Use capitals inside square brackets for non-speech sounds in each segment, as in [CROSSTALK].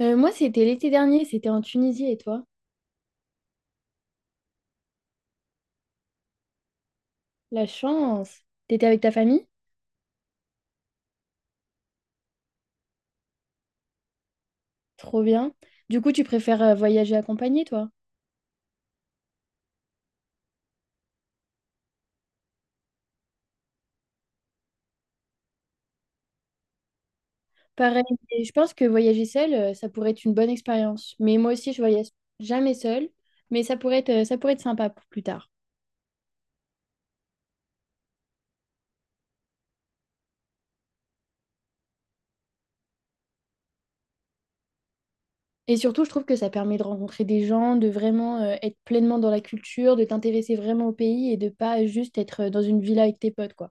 Moi, c'était l'été dernier, c'était en Tunisie et toi? La chance. T'étais avec ta famille? Trop bien. Du coup, tu préfères voyager accompagné, toi? Pareil, et je pense que voyager seul, ça pourrait être une bonne expérience. Mais moi aussi, je voyage jamais seule, mais ça pourrait être sympa pour plus tard. Et surtout, je trouve que ça permet de rencontrer des gens, de vraiment être pleinement dans la culture, de t'intéresser vraiment au pays et de pas juste être dans une villa avec tes potes, quoi.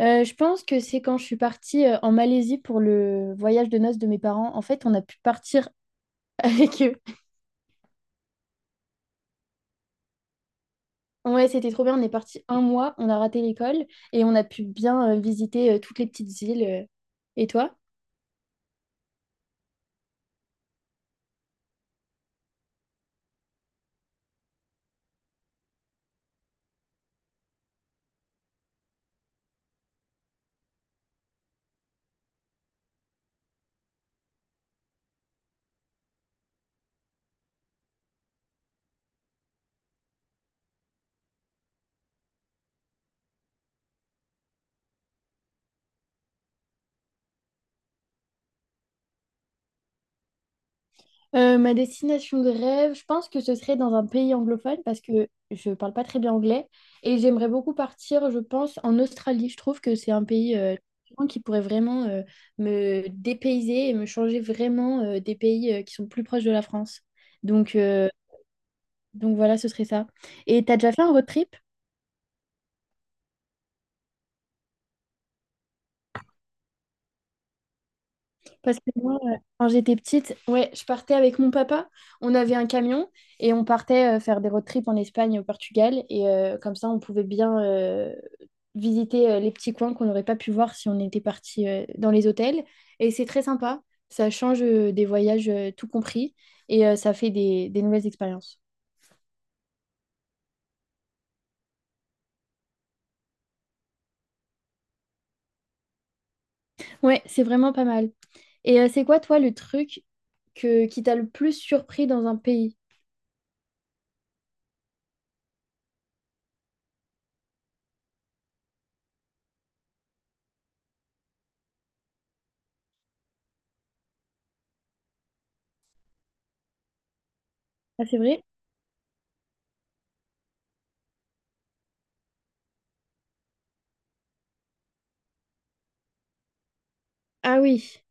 Je pense que c'est quand je suis partie en Malaisie pour le voyage de noces de mes parents. En fait, on a pu partir [LAUGHS] avec eux. Ouais, c'était trop bien. On est parti un mois, on a raté l'école et on a pu bien visiter toutes les petites îles. Et toi? Ma destination de rêve, je pense que ce serait dans un pays anglophone parce que je parle pas très bien anglais et j'aimerais beaucoup partir, je pense, en Australie. Je trouve que c'est un pays qui pourrait vraiment me dépayser et me changer vraiment des pays qui sont plus proches de la France. Donc, euh, donc, voilà, ce serait ça. Et t'as déjà fait un road trip? Parce que moi, quand j'étais petite, ouais, je partais avec mon papa. On avait un camion et on partait faire des road trips en Espagne, au Portugal. Et comme ça, on pouvait bien visiter les petits coins qu'on n'aurait pas pu voir si on était parti dans les hôtels. Et c'est très sympa. Ça change des voyages tout compris et ça fait des nouvelles expériences. Ouais, c'est vraiment pas mal. C'est quoi, toi, le truc qui t'a le plus surpris dans un pays? Ah, c'est vrai? Ah oui.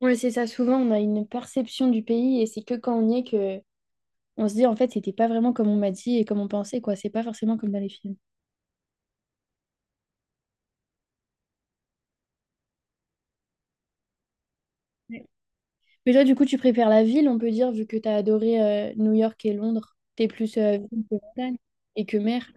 Ouais, c'est ça. Souvent, on a une perception du pays et c'est que quand on y est que on se dit en fait, c'était pas vraiment comme on m'a dit et comme on pensait, quoi. C'est pas forcément comme dans les films. Ouais. Mais toi, du coup, tu préfères la ville, on peut dire, vu que t'as adoré New York et Londres. T'es plus ville que montagne et que mer.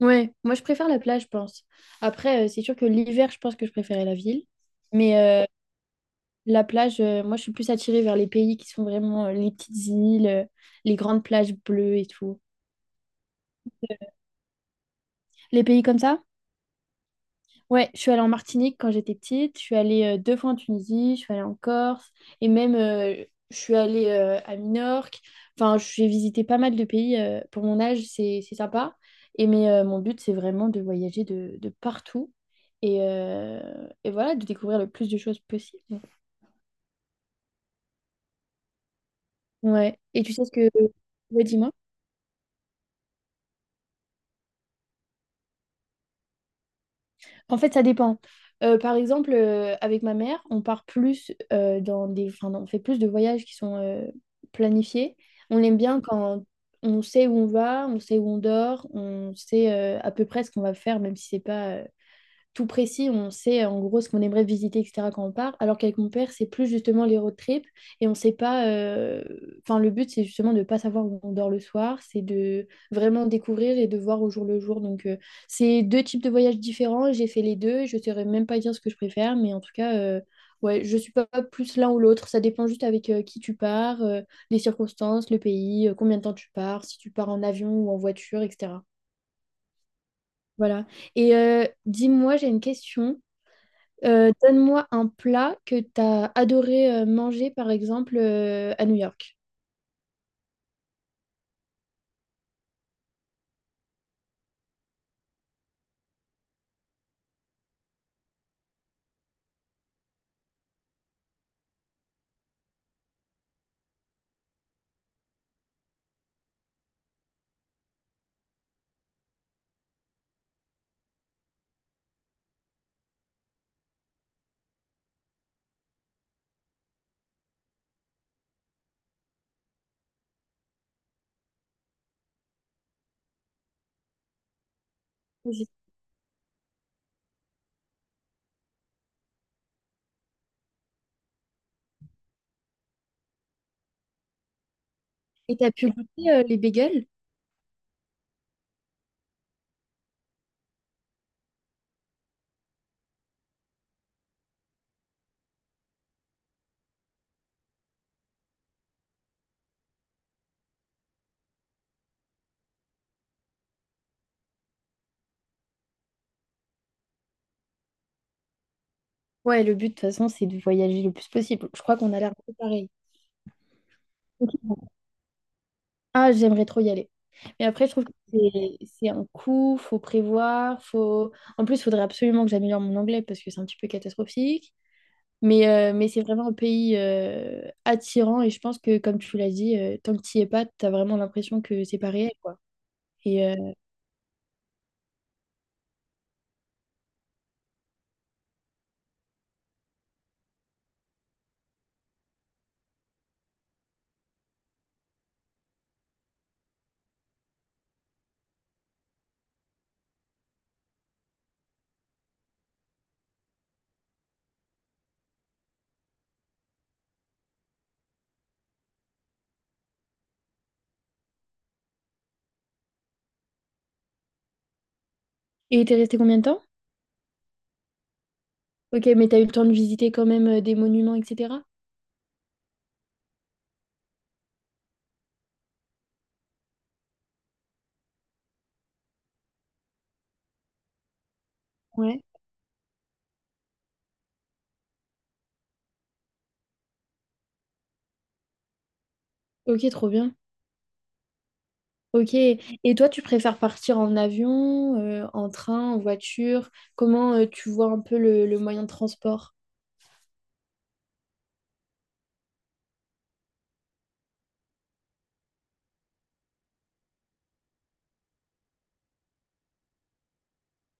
Ouais, moi, je préfère la plage, je pense. Après, c'est sûr que l'hiver, je pense que je préférais la ville. Mais la plage, moi, je suis plus attirée vers les pays qui sont vraiment les petites îles, les grandes plages bleues et tout. Les pays comme ça? Ouais, je suis allée en Martinique quand j'étais petite, je suis allée deux fois en Tunisie, je suis allée en Corse et même je suis allée à Minorque. Enfin, j'ai visité pas mal de pays pour mon âge, c'est sympa. Mon but, c'est vraiment de voyager de partout et, euh, et voilà, de découvrir le plus de choses possible. Ouais. Et tu sais ce que... Ouais, dis-moi. En fait, ça dépend. Par exemple, avec ma mère, on part plus dans des... Enfin, on fait plus de voyages qui sont planifiés. On aime bien quand on sait où on va, on sait où on dort, on sait à peu près ce qu'on va faire, même si c'est pas... tout précis, on sait en gros ce qu'on aimerait visiter, etc. quand on part, alors qu'avec mon père, c'est plus justement les road trips et on sait pas. Enfin, le but, c'est justement de ne pas savoir où on dort le soir, c'est de vraiment découvrir et de voir au jour le jour. Donc, c'est deux types de voyages différents. J'ai fait les deux et je ne saurais même pas dire ce que je préfère, mais en tout cas, ouais, je suis pas plus l'un ou l'autre. Ça dépend juste avec qui tu pars, les circonstances, le pays, combien de temps tu pars, si tu pars en avion ou en voiture, etc. Voilà. Dis-moi, j'ai une question. Donne-moi un plat que tu as adoré manger, par exemple, à New York. Vas-y. Et tu as pu goûter les bagels? Ouais, le but, de toute façon, c'est de voyager le plus possible. Je crois qu'on a l'air un pareil. Ok. Ah, j'aimerais trop y aller. Mais après, je trouve que c'est un coup, faut prévoir, faut... En plus, il faudrait absolument que j'améliore mon anglais parce que c'est un petit peu catastrophique. Mais c'est vraiment un pays attirant et je pense que, comme tu l'as dit, tant que tu y es pas, tu as vraiment l'impression que c'est pas réel, quoi. Et euh, et t'es resté combien de temps? Ok, mais t'as eu le temps de visiter quand même des monuments, etc. Ouais. Ok, trop bien. Ok. Et toi, tu préfères partir en avion, en train, en voiture? Comment tu vois un peu le moyen de transport?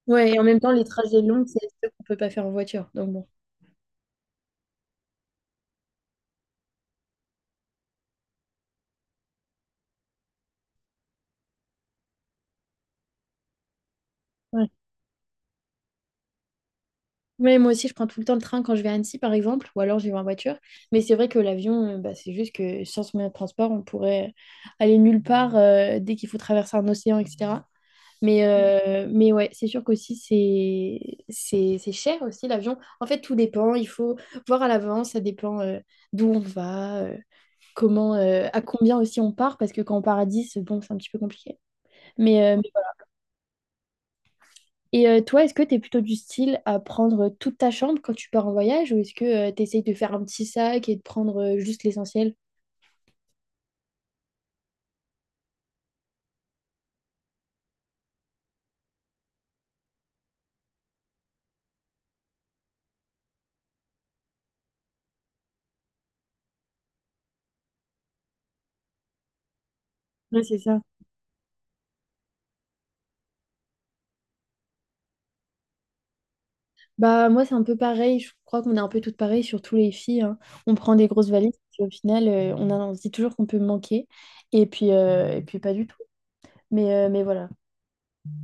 Ouais, et en même temps, les trajets longs, c'est ceux qu'on peut pas faire en voiture. Donc bon. Ouais. Ouais, moi aussi, je prends tout le temps le train quand je vais à Annecy, par exemple, ou alors j'y vais en voiture. Mais c'est vrai que l'avion, bah, c'est juste que sans ce moyen de transport, on pourrait aller nulle part dès qu'il faut traverser un océan, etc. Mais ouais, c'est sûr qu'aussi, c'est cher aussi l'avion. En fait, tout dépend. Il faut voir à l'avance. Ça dépend d'où on va, comment, à combien aussi on part. Parce que quand on part à 10, bon, c'est un petit peu compliqué. Mais, euh, et toi, est-ce que tu es plutôt du style à prendre toute ta chambre quand tu pars en voyage ou est-ce que tu essayes de faire un petit sac et de prendre juste l'essentiel? Ouais, c'est ça. Bah, moi, c'est un peu pareil. Je crois qu'on est un peu toutes pareilles, surtout les filles, hein. On prend des grosses valises, puis au final, on se dit toujours qu'on peut manquer. Et puis pas du tout. Mais voilà.